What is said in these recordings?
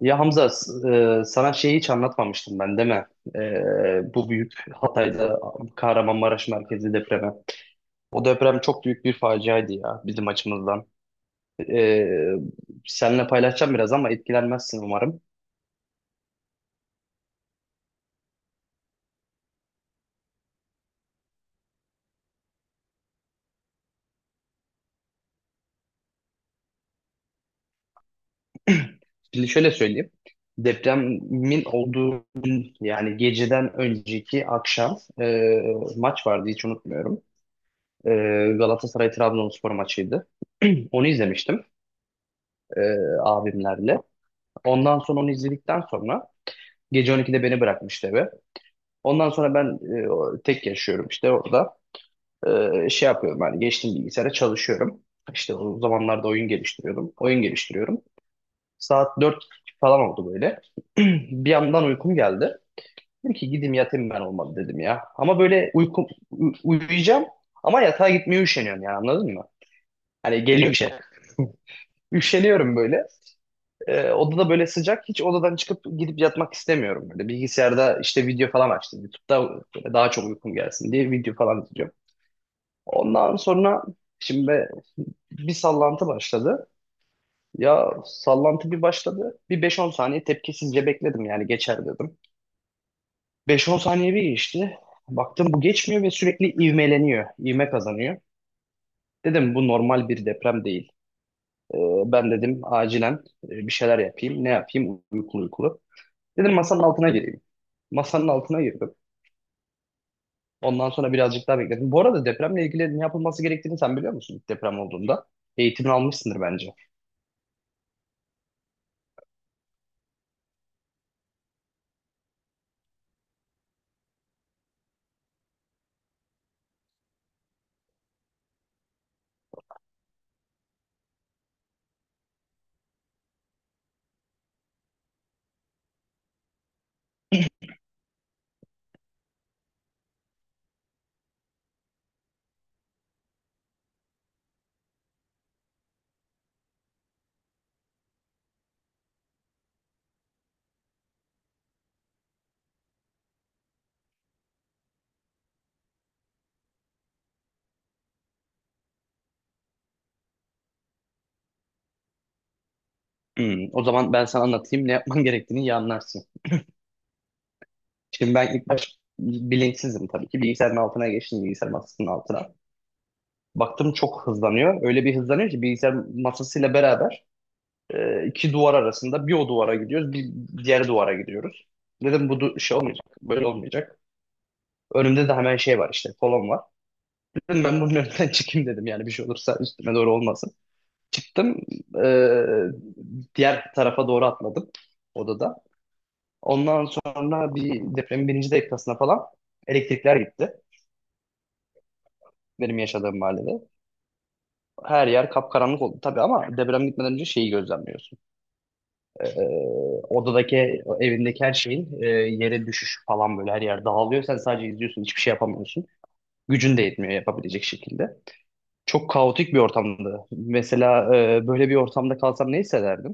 Ya Hamza, sana şeyi hiç anlatmamıştım ben değil mi? Bu büyük Hatay'da Kahramanmaraş merkezli depremi. O deprem çok büyük bir faciaydı ya bizim açımızdan. E, Seninle paylaşacağım biraz ama etkilenmezsin umarım. Şimdi şöyle söyleyeyim. Depremin olduğu yani geceden önceki akşam maç vardı hiç unutmuyorum. E, Galatasaray Trabzonspor maçıydı. Onu izlemiştim e, abimlerle. Ondan sonra onu izledikten sonra gece 12'de beni bırakmıştı eve. Ondan sonra ben tek yaşıyorum işte orada. Şey yapıyorum hani geçtim bilgisayara çalışıyorum. İşte o zamanlarda oyun geliştiriyordum. Oyun geliştiriyorum. Saat 4 falan oldu böyle. Bir yandan uykum geldi. Dedim ki gideyim yatayım ben olmadı dedim ya. Ama böyle uykum, uyuyacağım ama yatağa gitmeye üşeniyorum yani anladın mı? Hani geliyor şey. Üşeniyorum böyle. Odada böyle sıcak. Hiç odadan çıkıp gidip yatmak istemiyorum. Böyle bilgisayarda işte video falan açtım. YouTube'da böyle daha çok uykum gelsin diye video falan izliyorum. Ondan sonra şimdi be- bir sallantı başladı. Ya sallantı bir başladı. Bir 5-10 saniye tepkisizce bekledim yani geçer dedim. 5-10 saniye bir geçti. Baktım bu geçmiyor ve sürekli ivmeleniyor. İvme kazanıyor. Dedim bu normal bir deprem değil. Ee, Ben dedim acilen bir şeyler yapayım. Ne yapayım? Uykulu uykulu. Dedim masanın altına gireyim. Masanın altına girdim. Ondan sonra birazcık daha bekledim. Bu arada depremle ilgili ne yapılması gerektiğini sen biliyor musun ilk deprem olduğunda? Eğitimini almışsındır bence. Hmm, o zaman ben sana anlatayım ne yapman gerektiğini iyi anlarsın. Şimdi ben ilk baş bilinçsizim tabii ki. Bilgisayarın altına geçtim, bilgisayar masasının altına. Baktım çok hızlanıyor. Öyle bir hızlanıyor ki bilgisayar masasıyla beraber iki duvar arasında bir o duvara gidiyoruz, bir diğer duvara gidiyoruz. Dedim şey olmayacak, böyle olmayacak. Önümde de hemen şey var işte, kolon var. Dedim ben bunun önünden çıkayım dedim yani bir şey olursa üstüme doğru olmasın. Çıktım, eee, diğer tarafa doğru atladım odada. Ondan sonra bir depremin birinci dakikasına falan elektrikler gitti benim yaşadığım mahallede. Her yer kapkaranlık oldu tabii ama deprem gitmeden önce şeyi gözlemliyorsun. Odadaki evindeki her şeyin yere düşüşü falan böyle her yer dağılıyor. Sen sadece izliyorsun hiçbir şey yapamıyorsun. Gücün de yetmiyor yapabilecek şekilde. Çok kaotik bir ortamdı. Mesela böyle bir ortamda kalsam ne hissederdim?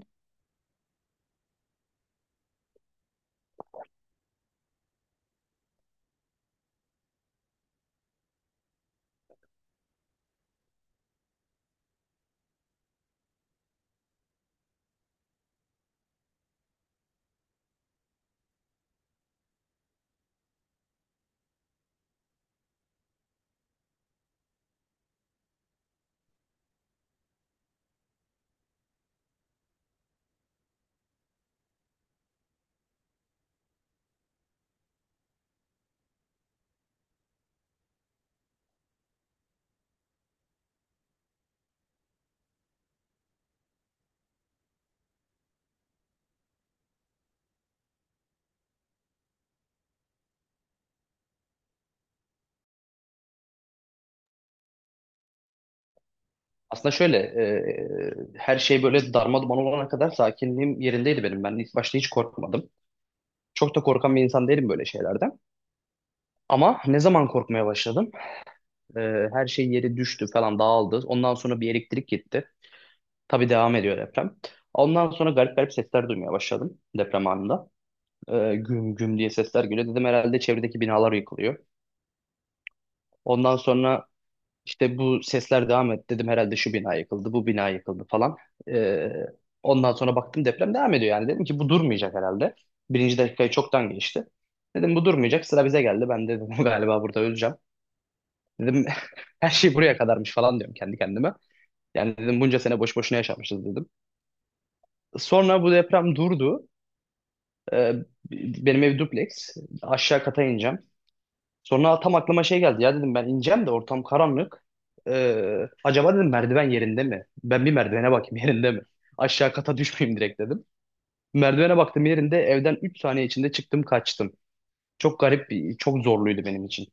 Aslında şöyle, her şey böyle darma duman olana kadar sakinliğim yerindeydi benim. Ben ilk başta hiç korkmadım. Çok da korkan bir insan değilim böyle şeylerden. Ama ne zaman korkmaya başladım? E, Her şey yeri düştü falan dağıldı. Ondan sonra bir elektrik gitti. Tabii devam ediyor deprem. Ondan sonra garip garip sesler duymaya başladım deprem anında. Güm güm diye sesler geliyor. Dedim herhalde çevredeki binalar yıkılıyor. Ondan sonra işte bu sesler devam etti. Dedim herhalde şu bina yıkıldı, bu bina yıkıldı falan. E, Ondan sonra baktım deprem devam ediyor yani. Dedim ki bu durmayacak herhalde. Birinci dakikayı çoktan geçti. Dedim bu durmayacak sıra bize geldi. Ben de dedim galiba burada öleceğim. Dedim her şey buraya kadarmış falan diyorum kendi kendime. Yani dedim bunca sene boş boşuna yaşamışız dedim. Sonra bu deprem durdu. E, Benim ev dupleks. Aşağı kata ineceğim. Sonra tam aklıma şey geldi. Ya dedim ben ineceğim de ortam karanlık. Acaba dedim merdiven yerinde mi? Ben bir merdivene bakayım yerinde mi? Aşağı kata düşmeyeyim direkt dedim. Merdivene baktım yerinde, evden 3 saniye içinde çıktım kaçtım. Çok garip bir, çok zorluydu benim için.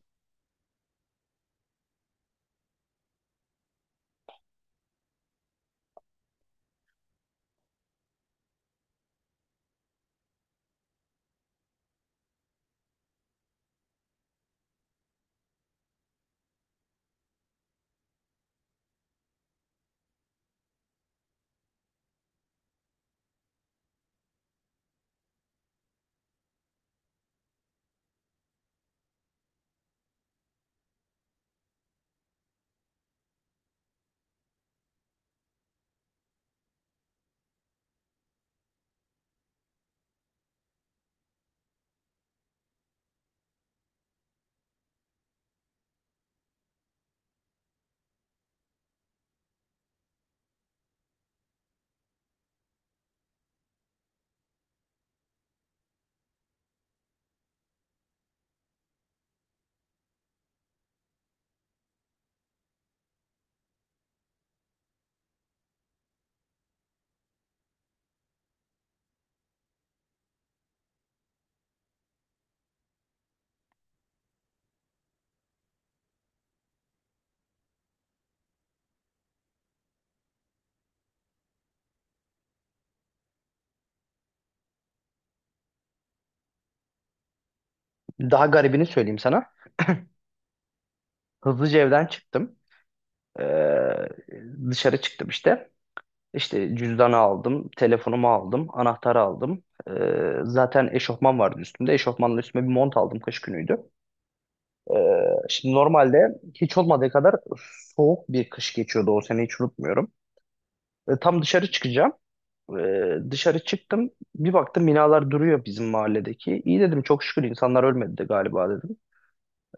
Daha garibini söyleyeyim sana. Hızlıca evden çıktım. Ee, Dışarı çıktım işte. İşte cüzdanı aldım, telefonumu aldım, anahtarı aldım. Ee, Zaten eşofman vardı üstümde. Eşofmanla üstüme bir mont aldım, kış günüydü. Şimdi normalde hiç olmadığı kadar soğuk bir kış geçiyordu o sene, hiç unutmuyorum. Tam dışarı çıkacağım. Dışarı çıktım. Bir baktım binalar duruyor bizim mahalledeki. İyi dedim, çok şükür insanlar ölmedi de galiba dedim.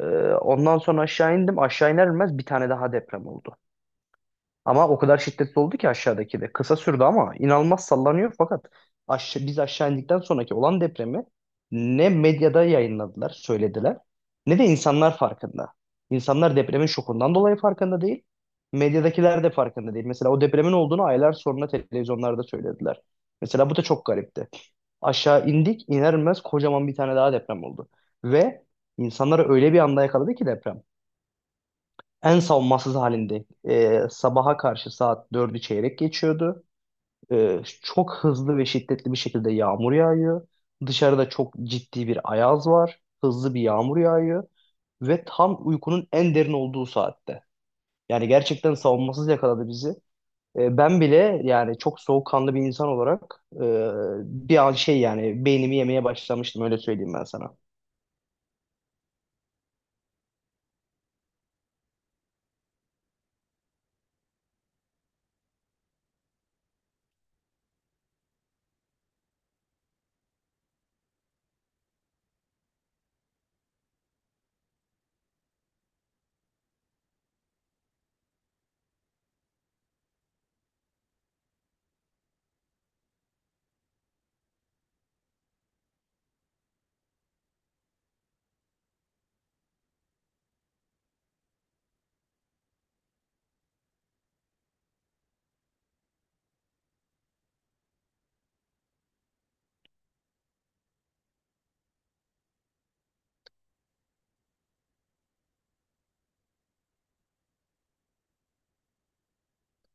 Ee, Ondan sonra aşağı indim. Aşağı iner inmez bir tane daha deprem oldu. Ama o kadar şiddetli oldu ki aşağıdaki de. Kısa sürdü ama inanılmaz sallanıyor, fakat biz aşağı indikten sonraki olan depremi ne medyada yayınladılar, söylediler, ne de insanlar farkında. İnsanlar depremin şokundan dolayı farkında değil. Medyadakiler de farkında değil. Mesela o depremin olduğunu aylar sonra televizyonlarda söylediler. Mesela bu da çok garipti. Aşağı indik, iner inmez kocaman bir tane daha deprem oldu. Ve insanları öyle bir anda yakaladı ki deprem en savunmasız halinde, sabaha karşı saat dördü çeyrek geçiyordu. Çok hızlı ve şiddetli bir şekilde yağmur yağıyor. Dışarıda çok ciddi bir ayaz var. Hızlı bir yağmur yağıyor ve tam uykunun en derin olduğu saatte. Yani gerçekten savunmasız yakaladı bizi. Ben bile yani çok soğukkanlı bir insan olarak e, bir an şey yani beynimi yemeye başlamıştım, öyle söyleyeyim ben sana.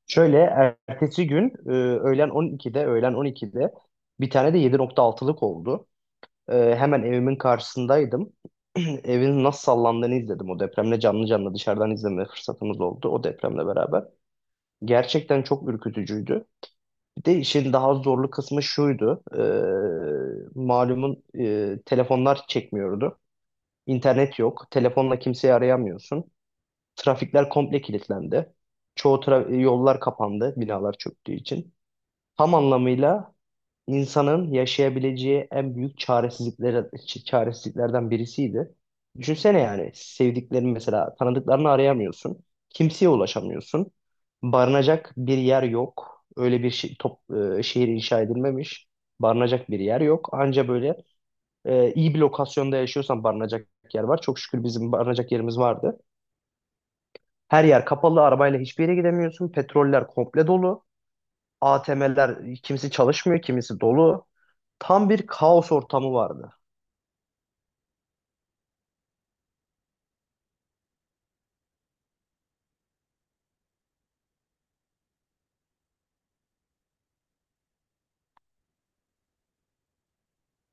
Şöyle ertesi gün öğlen 12'de bir tane de 7.6'lık oldu. Hemen evimin karşısındaydım. Evin nasıl sallandığını izledim. O depremle canlı canlı dışarıdan izleme fırsatımız oldu o depremle beraber. Gerçekten çok ürkütücüydü. Bir de işin daha zorlu kısmı şuydu. Malumun telefonlar çekmiyordu. İnternet yok. Telefonla kimseyi arayamıyorsun. Trafikler komple kilitlendi. Yollar kapandı, binalar çöktüğü için. Tam anlamıyla insanın yaşayabileceği en büyük çaresizliklerden birisiydi. Düşünsene yani sevdiklerini, mesela tanıdıklarını arayamıyorsun. Kimseye ulaşamıyorsun. Barınacak bir yer yok. Öyle bir şey, top, e, Şehir inşa edilmemiş. Barınacak bir yer yok. Anca böyle iyi bir lokasyonda yaşıyorsan barınacak yer var. Çok şükür bizim barınacak yerimiz vardı. Her yer kapalı, arabayla hiçbir yere gidemiyorsun. Petroller komple dolu. ATM'ler kimisi çalışmıyor, kimisi dolu. Tam bir kaos ortamı vardı.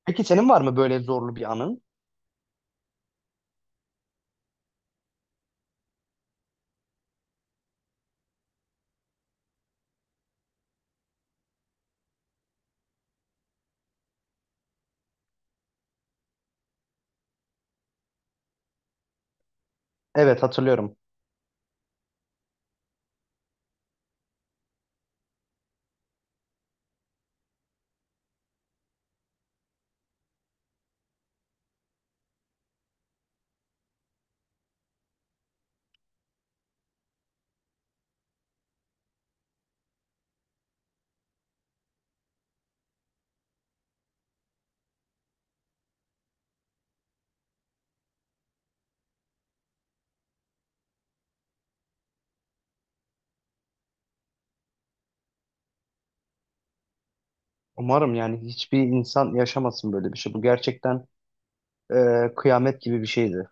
Peki senin var mı böyle zorlu bir anın? Evet, hatırlıyorum. Umarım yani hiçbir insan yaşamasın böyle bir şey. Bu gerçekten kıyamet gibi bir şeydi.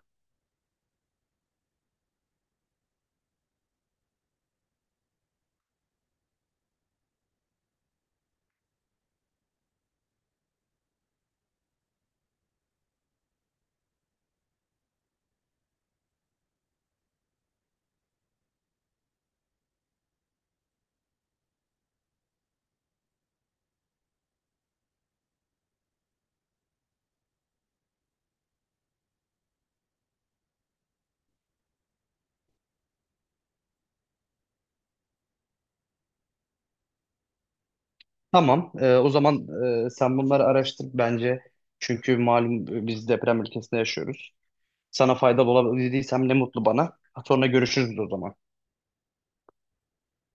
Tamam, o zaman sen bunları araştır bence. Çünkü malum biz deprem ülkesinde yaşıyoruz. Sana faydalı olabildiysem ne mutlu bana. Sonra görüşürüz o zaman.